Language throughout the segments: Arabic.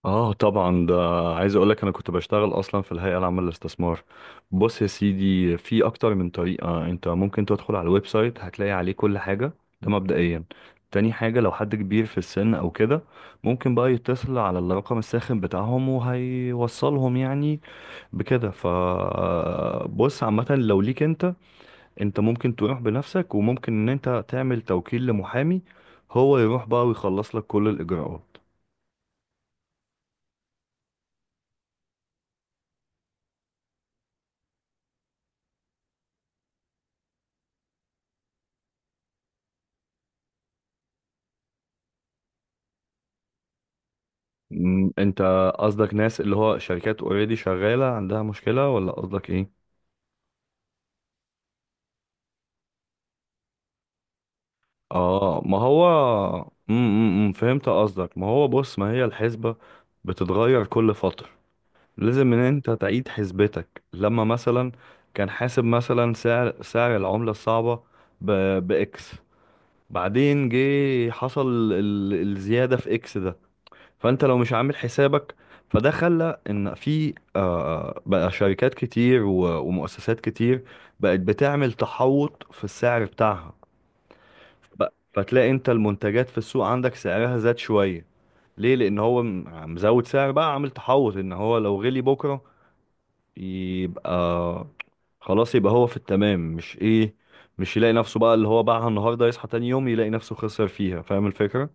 اه، طبعا. ده، عايز اقول لك انا كنت بشتغل اصلا في الهيئه العامه للاستثمار. بص يا سيدي، في اكتر من طريقه. انت ممكن تدخل على الويب سايت، هتلاقي عليه كل حاجه. ده مبدئيا. تاني حاجه، لو حد كبير في السن او كده، ممكن بقى يتصل على الرقم الساخن بتاعهم وهيوصلهم يعني بكده. بص، عامه لو ليك انت، ممكن تروح بنفسك، وممكن ان انت تعمل توكيل لمحامي، هو يروح بقى ويخلص لك كل الاجراءات. انت قصدك ناس اللي هو شركات اوريدي شغالة عندها مشكلة، ولا قصدك ايه؟ اه، ما هو فهمت قصدك. ما هو بص، ما هي الحسبة بتتغير كل فترة. لازم ان انت تعيد حسبتك لما مثلا كان حاسب مثلا سعر العملة الصعبة ب... باكس. بعدين جه حصل الزيادة في اكس ده. فانت لو مش عامل حسابك، فده خلى ان في بقى شركات كتير ومؤسسات كتير بقت بتعمل تحوط في السعر بتاعها. فتلاقي انت المنتجات في السوق عندك سعرها زاد شوية. ليه؟ لان هو مزود سعر بقى، عامل تحوط ان هو لو غلي بكرة يبقى خلاص، يبقى هو في التمام. مش يلاقي نفسه بقى اللي هو باعها النهارده يصحى تاني يوم يلاقي نفسه خسر فيها. فاهم الفكرة؟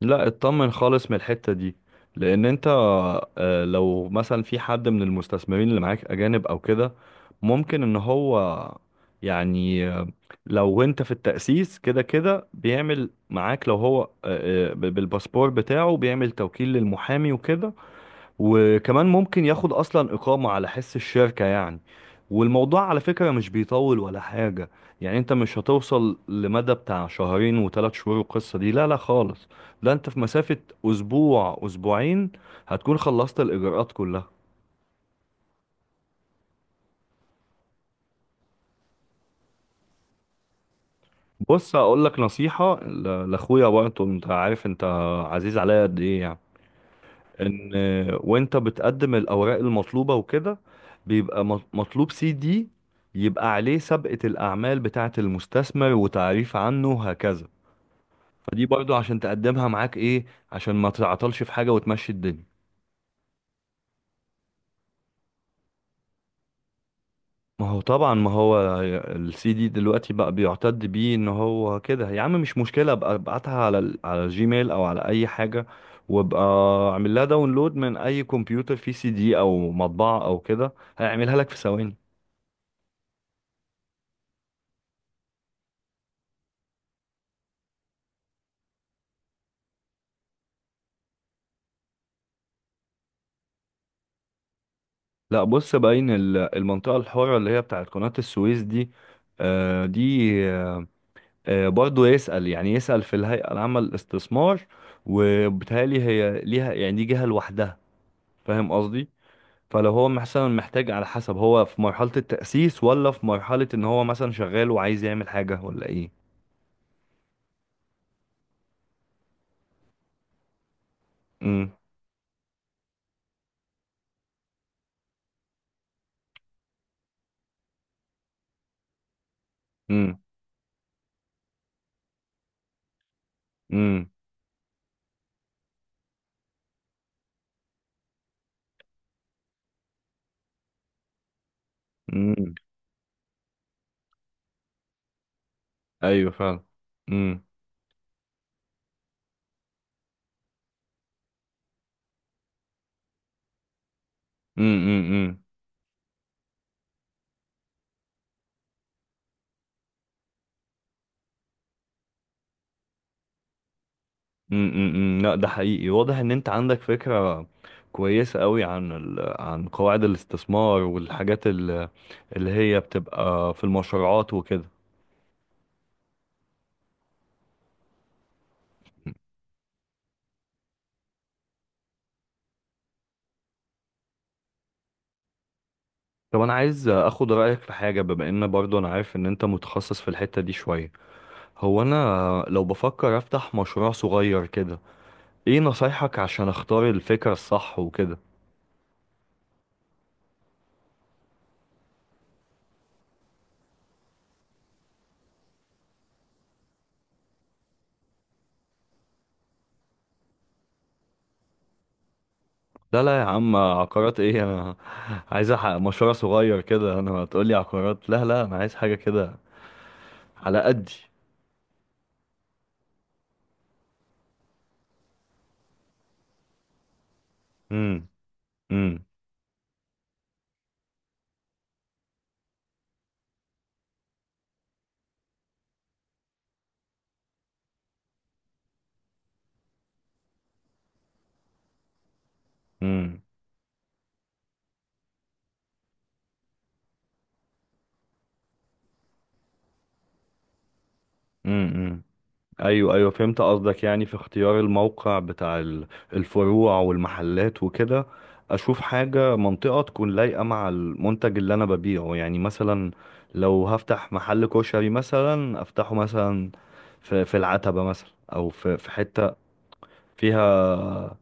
لا، اطمن خالص من الحتة دي. لان انت، لو مثلا في حد من المستثمرين اللي معاك اجانب او كده، ممكن ان هو يعني لو انت في التأسيس كده كده بيعمل معاك. لو هو بالباسبور بتاعه بيعمل توكيل للمحامي وكده. وكمان ممكن ياخد اصلا اقامة على حس الشركة يعني. والموضوع على فكرة مش بيطول ولا حاجة. يعني انت مش هتوصل لمدى بتاع شهرين و3 شهور، القصة دي لا لا خالص. لا، انت في مسافة اسبوع اسبوعين هتكون خلصت الاجراءات كلها. بص، هقول لك نصيحة لاخويا برضه. انت عارف انت عزيز عليا قد ايه يعني. ان وانت بتقدم الاوراق المطلوبه وكده، بيبقى مطلوب سي دي يبقى عليه سابقه الاعمال بتاعه المستثمر وتعريف عنه وهكذا. فدي برضو عشان تقدمها معاك، ايه؟ عشان ما تعطلش في حاجه وتمشي الدنيا. ما هو طبعا، ما هو السي دي دلوقتي بقى بيعتد بيه. ان هو كده يا عم مش مشكله، ابقى ابعتها على على الجيميل او على اي حاجه، وابقى اعمل لها داونلود من اي كمبيوتر فيه سي دي او مطبعه او كده، هيعملها لك في ثواني. لا بص، باين المنطقة الحرة اللي هي بتاعت قناة السويس دي، آه، دي آه، برضو يسأل يعني. يسأل في الهيئة العامة للاستثمار. وبالتالي هي ليها يعني، دي جهة لوحدها. فاهم قصدي؟ فلو هو مثلا محتاج، على حسب هو في مرحلة التأسيس ولا في مرحلة ان هو مثلا شغال وعايز يعمل حاجة ولا ايه. امم. امم امم. امم، ايوه فعلا. امم امم امم، امم. لا، ده حقيقي واضح ان انت عندك فكرة كويسة قوي عن عن قواعد الاستثمار والحاجات اللي هي بتبقى في المشروعات وكده. طب انا عايز اخد رأيك في حاجة، بما ان برضو انا عارف ان انت متخصص في الحتة دي شوية. هو انا لو بفكر افتح مشروع صغير كده، ايه نصايحك عشان اختار الفكرة الصح وكده؟ لا لا يا عم، عقارات ايه؟ انا عايز احقق مشروع صغير كده. انا هتقولي عقارات؟ لا لا، انا عايز حاجة كده على قدي. امم امم امم امم. امم. ايوه ايوه، فهمت قصدك. يعني في اختيار الموقع بتاع الفروع والمحلات وكده. اشوف حاجه منطقه تكون لايقه مع المنتج اللي انا ببيعه، يعني مثلا لو هفتح محل كشري مثلا افتحه مثلا في العتبه مثلا، او في حته فيها آه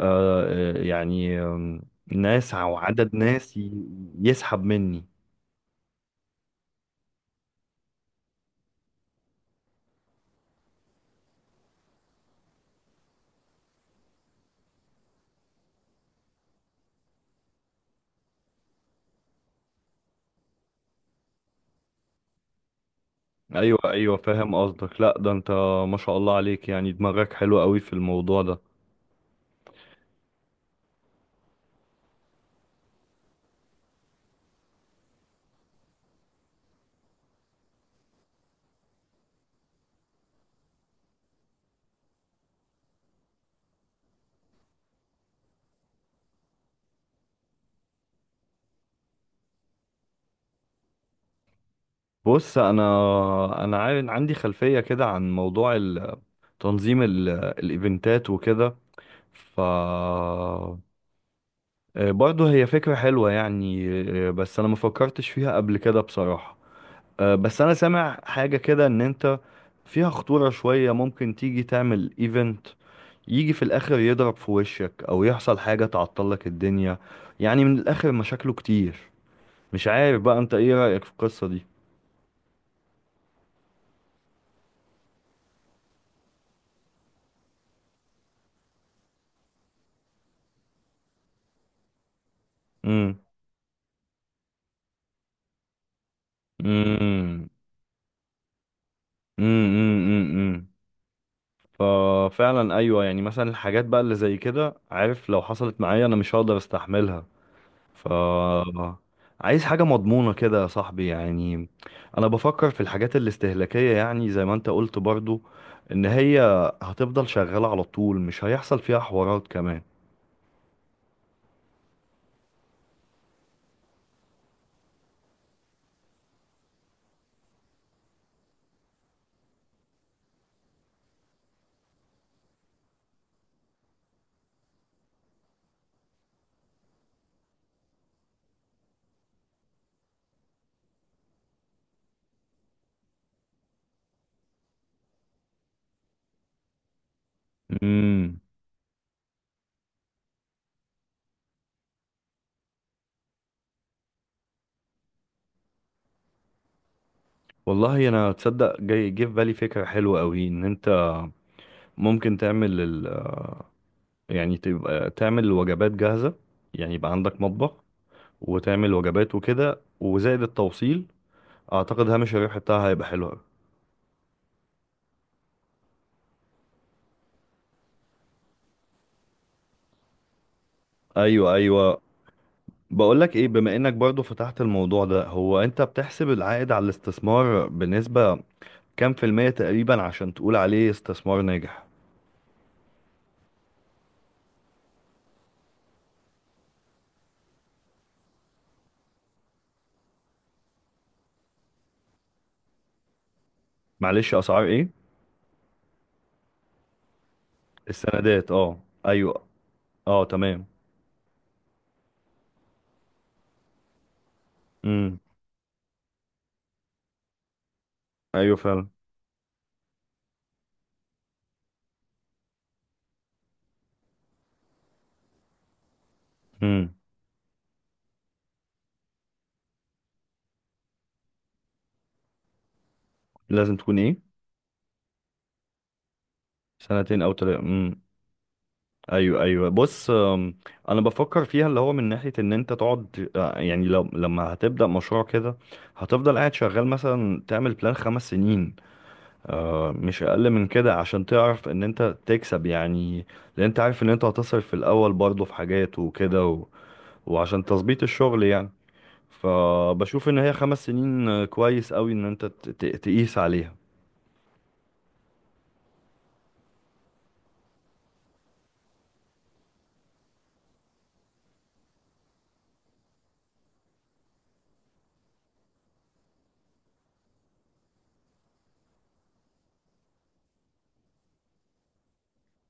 آه، يعني آم، ناس، او عدد ناس يسحب مني. ايوه ايوه، فاهم قصدك. لا ده انت ما شاء الله عليك، يعني دماغك حلو قوي في الموضوع ده. بص انا، عندي خلفية كده عن موضوع تنظيم الايفنتات وكده. ف آه، برضه هي فكرة حلوة يعني. بس انا ما فكرتش فيها قبل كده بصراحة. بس انا سامع حاجة كده، ان انت فيها خطورة شوية. ممكن تيجي تعمل ايفنت، يجي في الاخر يضرب في وشك، او يحصل حاجة تعطلك الدنيا. يعني من الاخر مشاكله كتير. مش عارف بقى انت ايه رأيك في القصة دي. امم امم امم. ففعلا ايوه، يعني مثلا الحاجات بقى اللي زي كده، عارف لو حصلت معايا، انا مش هقدر استحملها. ف عايز حاجة مضمونة كده يا صاحبي يعني. أنا بفكر في الحاجات الاستهلاكية، يعني زي ما أنت قلت برضو، إن هي هتفضل شغالة على طول، مش هيحصل فيها حوارات كمان. امم والله أنا تصدق، جاي جه في بالي فكرة حلوة أوي. إن أنت ممكن تعمل يعني تبقى تعمل وجبات جاهزة. يعني يبقى عندك مطبخ، وتعمل وجبات وكده وزائد التوصيل. أعتقد هامش الربح بتاعها هيبقى حلو أوي. ايوه ايوه، بقولك ايه، بما انك برضو فتحت الموضوع ده، هو انت بتحسب العائد على الاستثمار بنسبة كام في المية تقريبا عشان تقول عليه استثمار ناجح؟ معلش، اسعار ايه؟ السندات، اه ايوه. اه تمام. امم. ايوه فعلا. امم. لازم تكون ايه؟ سنتين او تلاتة. امم. ايوه ايوه. بص انا بفكر فيها، اللي هو من ناحية ان انت تقعد، يعني لو لما هتبدأ مشروع كده هتفضل قاعد شغال مثلا، تعمل بلان 5 سنين. مش اقل من كده عشان تعرف ان انت تكسب يعني. لان انت عارف ان انت هتصرف في الاول برضه في حاجات وكده وعشان تظبيط الشغل يعني. فبشوف ان هي 5 سنين كويس قوي ان انت تقيس عليها.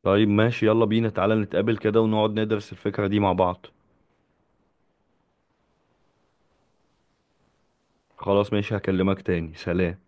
طيب ماشي، يلا بينا، تعالى نتقابل كده ونقعد ندرس الفكرة دي مع بعض. خلاص ماشي، هكلمك تاني. سلام.